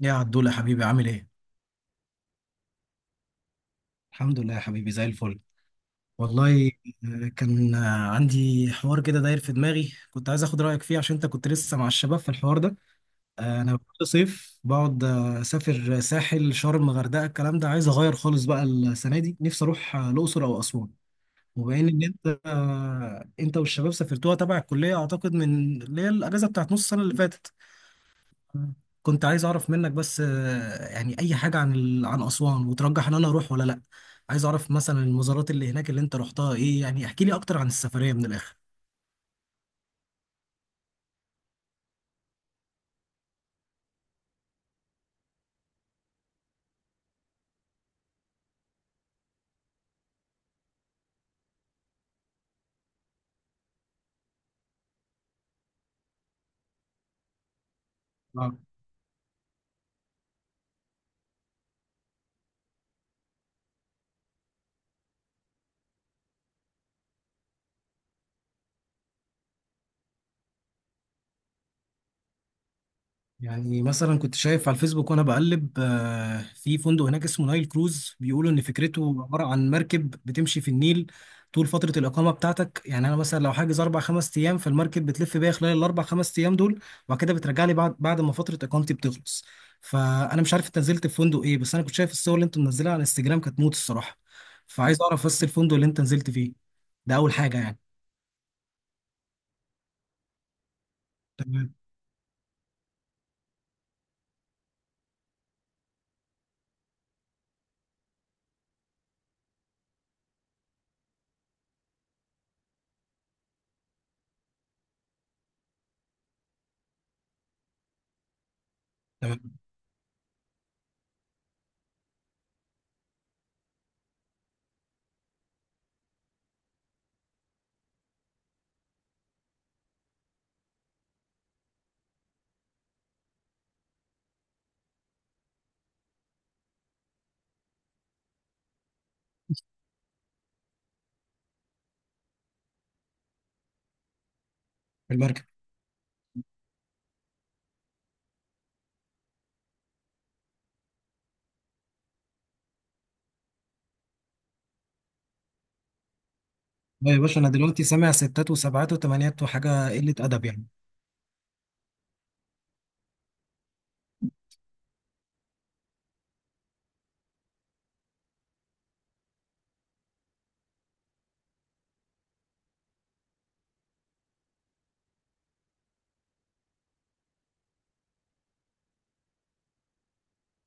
يا عدول يا حبيبي، عامل ايه؟ الحمد لله يا حبيبي، زي الفل. والله. آه، كان آه، عندي حوار كده داير في دماغي، كنت عايز اخد رايك فيه عشان انت كنت لسه مع الشباب في الحوار ده. انا كل صيف بقعد اسافر ساحل شرم غردقه الكلام ده، عايز اغير خالص بقى. السنه دي نفسي اروح الاقصر او اسوان. وبما ان انت والشباب سافرتوها تبع الكليه، اعتقد من اللي هي الاجازه بتاعت نص السنه اللي فاتت، كنت عايز اعرف منك بس يعني اي حاجه عن اسوان، وترجح ان انا اروح ولا لا. عايز اعرف مثلا المزارات اللي هناك اللي انت رحتها ايه، يعني احكي لي اكتر عن السفريه من الاخر. يعني مثلا كنت شايف على الفيسبوك وانا بقلب في فندق هناك اسمه نايل كروز، بيقولوا ان فكرته عباره عن مركب بتمشي في النيل طول فتره الاقامه بتاعتك. يعني انا مثلا لو حاجز اربع خمس ايام، فالمركب بتلف بيا خلال الاربع خمس ايام دول، وبعد كده بترجع لي بعد ما فتره اقامتي بتخلص. فانا مش عارف انت نزلت في فندق ايه، بس انا كنت شايف الصور اللي انت منزلها على الانستجرام، كانت موت الصراحه. فعايز اعرف بس الفندق اللي انت نزلت فيه. ده اول حاجه يعني. تمام. تمام. في المركب. لا يا باشا، انا دلوقتي سامع ستات وسبعات وثمانيات وحاجه قله ادب يعني.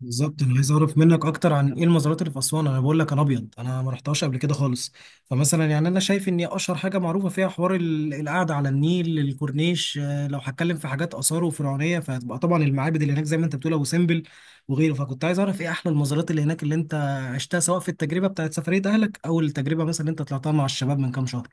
بالظبط، انا عايز اعرف منك اكتر عن ايه المزارات اللي في اسوان. انا بقول لك انا ابيض، انا ما رحتهاش قبل كده خالص. فمثلا يعني انا شايف ان اشهر حاجه معروفه فيها حوار القعده على النيل، الكورنيش. لو هتكلم في حاجات اثار وفرعونيه، فهتبقى طبعا المعابد اللي هناك زي ما انت بتقول ابو سمبل وغيره. فكنت عايز اعرف ايه احلى المزارات اللي هناك اللي انت عشتها، سواء في التجربه بتاعت سفريه اهلك، او التجربه مثلا اللي انت طلعتها مع الشباب من كام شهر.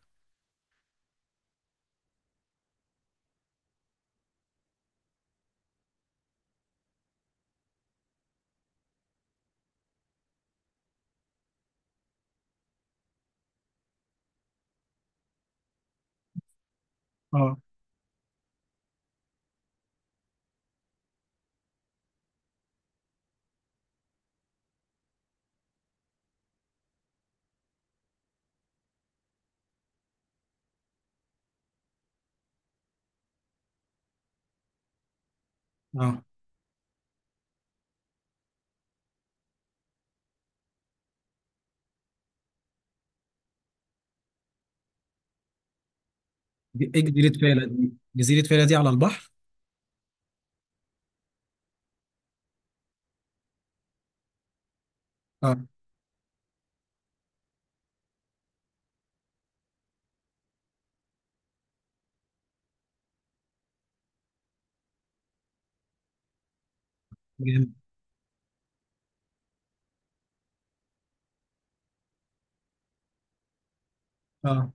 اه. اه. ايه جزيره فيلا دي؟ جزيره فيلا دي على البحر؟ اه. جامد. اه.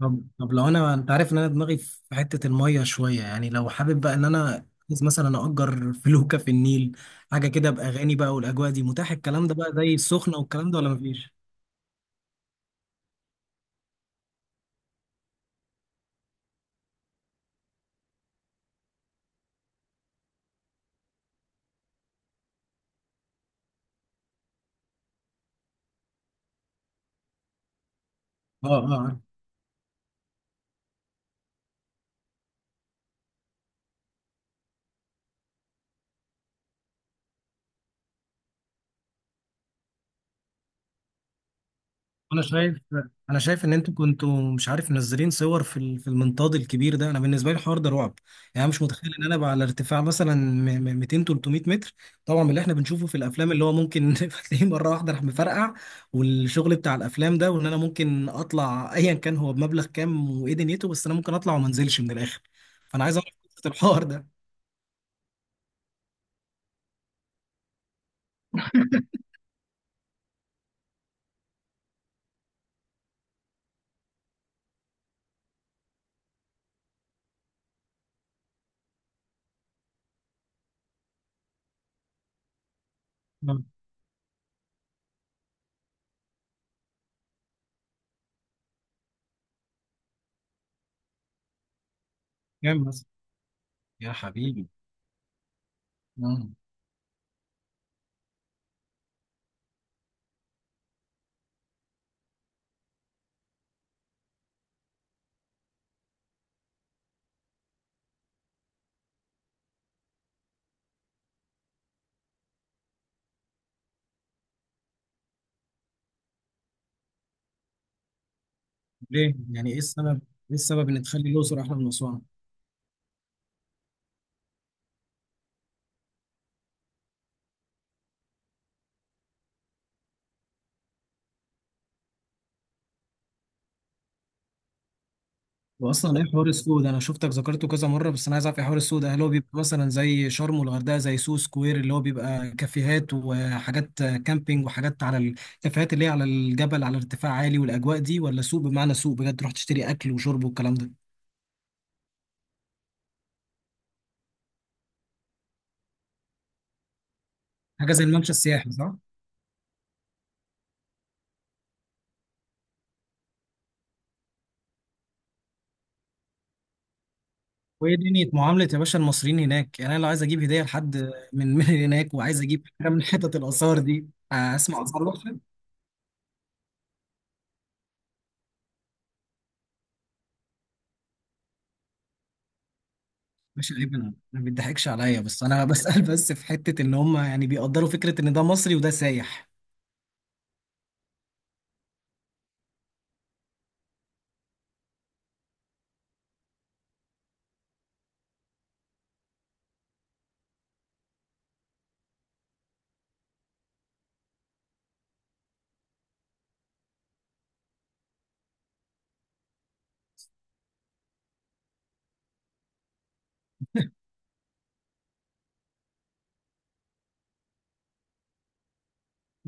طب، طب لو انا، انت عارف ان انا دماغي في حته الميه شويه، يعني لو حابب بقى ان انا عايز مثلا اجر فلوكه في النيل، حاجه كده باغاني بقى، والاجواء دي متاح الكلام ده بقى زي السخنه والكلام ده ولا مفيش؟ اه. اه. انا شايف انا شايف ان انتوا كنتوا مش عارف منزلين صور في في المنطاد الكبير ده، انا بالنسبه لي الحوار ده رعب. يعني انا مش متخيل ان انا بقى على ارتفاع مثلا 200 300 متر. طبعا من اللي احنا بنشوفه في الافلام، اللي هو ممكن تلاقيه مره واحده راح مفرقع، والشغل بتاع الافلام ده، وان انا ممكن اطلع ايا كان هو بمبلغ كام وايه دنيته، بس انا ممكن اطلع وما انزلش من الاخر. فانا عايز اعرف قصة الحوار ده. آه، كام مثلا؟ يا حبيبي. آه. ليه يعني، ايه السبب ان تخلي الاقصر احلى من اسوان؟ واصلا ايه حوار السوق ده؟ انا شفتك ذكرته كذا مره، بس انا عايز اعرف ايه حوار السوق ده، هل هو بيبقى مثلا زي شرم والغردقه، زي سو سكوير اللي هو بيبقى كافيهات وحاجات كامبينج، وحاجات على الكافيهات اللي هي على الجبل على ارتفاع عالي والاجواء دي، ولا سوق بمعنى سوق بجد تروح تشتري اكل وشرب والكلام ده؟ حاجه زي الممشى السياحي، صح؟ وايه دنيا معامله يا باشا المصريين هناك؟ يعني انا لو عايز اجيب هديه لحد من هناك، وعايز اجيب حاجه من حتت الاثار دي، اسمع اثار. مش عيب، انا ما بيضحكش عليا بس انا بسأل بس في حتة ان هم يعني بيقدروا فكرة ان ده مصري وده سايح.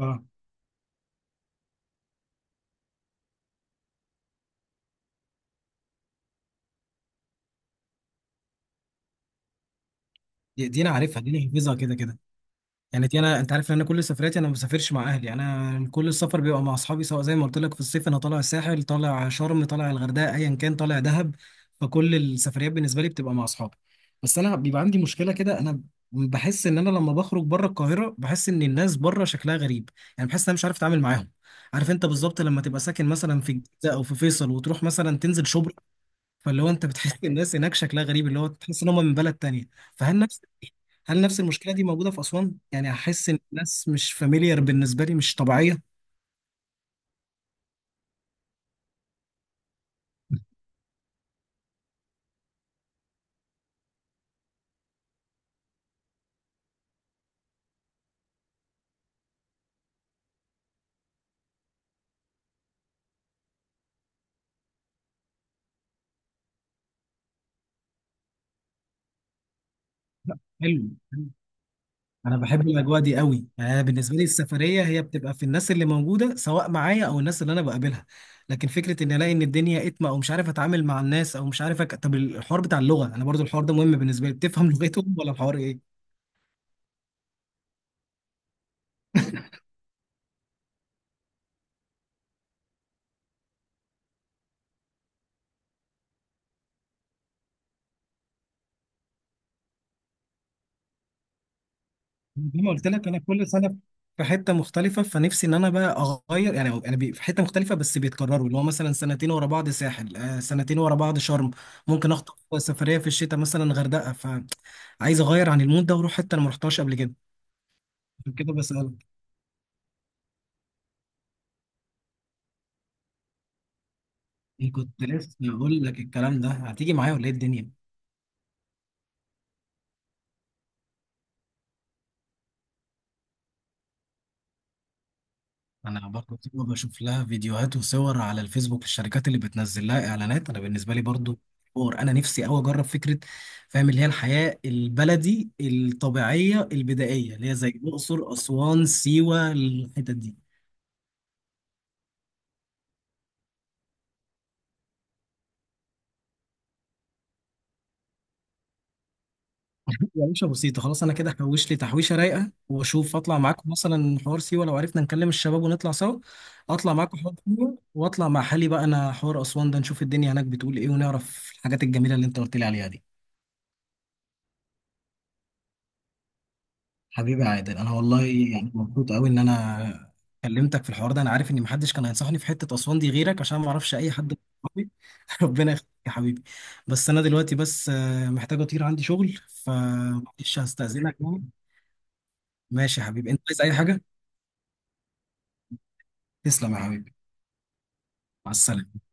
اه. دي انا عارفها، دي انا حافظها كده كده. يعني دي، انا انت عارف ان انا كل سفرياتي، انا ما بسافرش مع اهلي. يعني انا كل السفر بيبقى مع اصحابي، سواء زي ما قلت لك في الصيف انا طالع الساحل، طالع شرم، طالع الغردقه، ايا كان طالع دهب. فكل السفريات بالنسبه لي بتبقى مع اصحابي. بس انا بيبقى عندي مشكله كده. انا بحس ان انا لما بخرج بره القاهره، بحس ان الناس بره شكلها غريب. يعني بحس ان انا مش عارف اتعامل معاهم. عارف انت بالظبط لما تبقى ساكن مثلا في الجيزه او في فيصل، وتروح مثلا تنزل شبرا، فاللي هو انت بتحس إن الناس هناك شكلها غريب، اللي هو تحس ان هم من بلد تانية. فهل نفس هل نفس المشكله دي موجوده في اسوان؟ يعني هحس ان الناس مش فاميليار بالنسبه لي، مش طبيعيه. حلو. حلو. انا بحب الاجواء دي قوي. يعني أنا بالنسبه لي السفريه هي بتبقى في الناس اللي موجوده، سواء معايا او الناس اللي انا بقابلها. لكن فكره ان الاقي ان الدنيا اتمه، او مش عارف اتعامل مع الناس، او مش عارف طب الحوار بتاع اللغه، انا برضو الحوار ده مهم بالنسبه لي، بتفهم لغتهم ولا الحوار ايه؟ زي ما قلت لك انا كل سنه في حته مختلفه، فنفسي ان انا بقى اغير. يعني انا في حته مختلفه، بس بيتكرروا، اللي هو مثلا سنتين ورا بعض ساحل، سنتين ورا بعض شرم. ممكن اخطف سفريه في الشتاء مثلا غردقه، فعايز اغير عن المود ده واروح حته انا ما رحتهاش قبل كده. عشان كده بسالك. إيه، كنت لسه بقول لك الكلام ده، هتيجي معايا ولا ايه الدنيا؟ انا برضه بتبقى بشوف لها فيديوهات وصور على الفيسبوك للشركات اللي بتنزل لها اعلانات. انا بالنسبه لي برضه حوار، انا نفسي قوي اجرب فكره، فاهم، اللي هي الحياه البلدي الطبيعيه البدائيه اللي هي زي الاقصر، اسوان، سيوه، الحتت دي. يا باشا بسيطه، خلاص انا كده هحوش لي تحويشه رايقه واشوف اطلع معاكم مثلا حوار سيوه لو عرفنا نكلم الشباب ونطلع سوا. اطلع معاكم حوار سيوه، واطلع مع حالي بقى انا حوار اسوان ده، نشوف الدنيا هناك بتقول ايه، ونعرف الحاجات الجميله اللي انت قلت لي عليها دي. حبيبي يا عادل، انا والله يعني مبسوط قوي ان انا كلمتك في الحوار ده. انا عارف ان محدش كان هينصحني في حته اسوان دي غيرك، عشان ما اعرفش اي حد من صحابي. ربنا يخليك يا حبيبي. بس انا دلوقتي بس محتاج اطير، عندي شغل، فمعلش هستأذنك يعني. ماشي يا حبيبي، انت عايز اي حاجه؟ تسلم يا حبيبي. مع السلامه.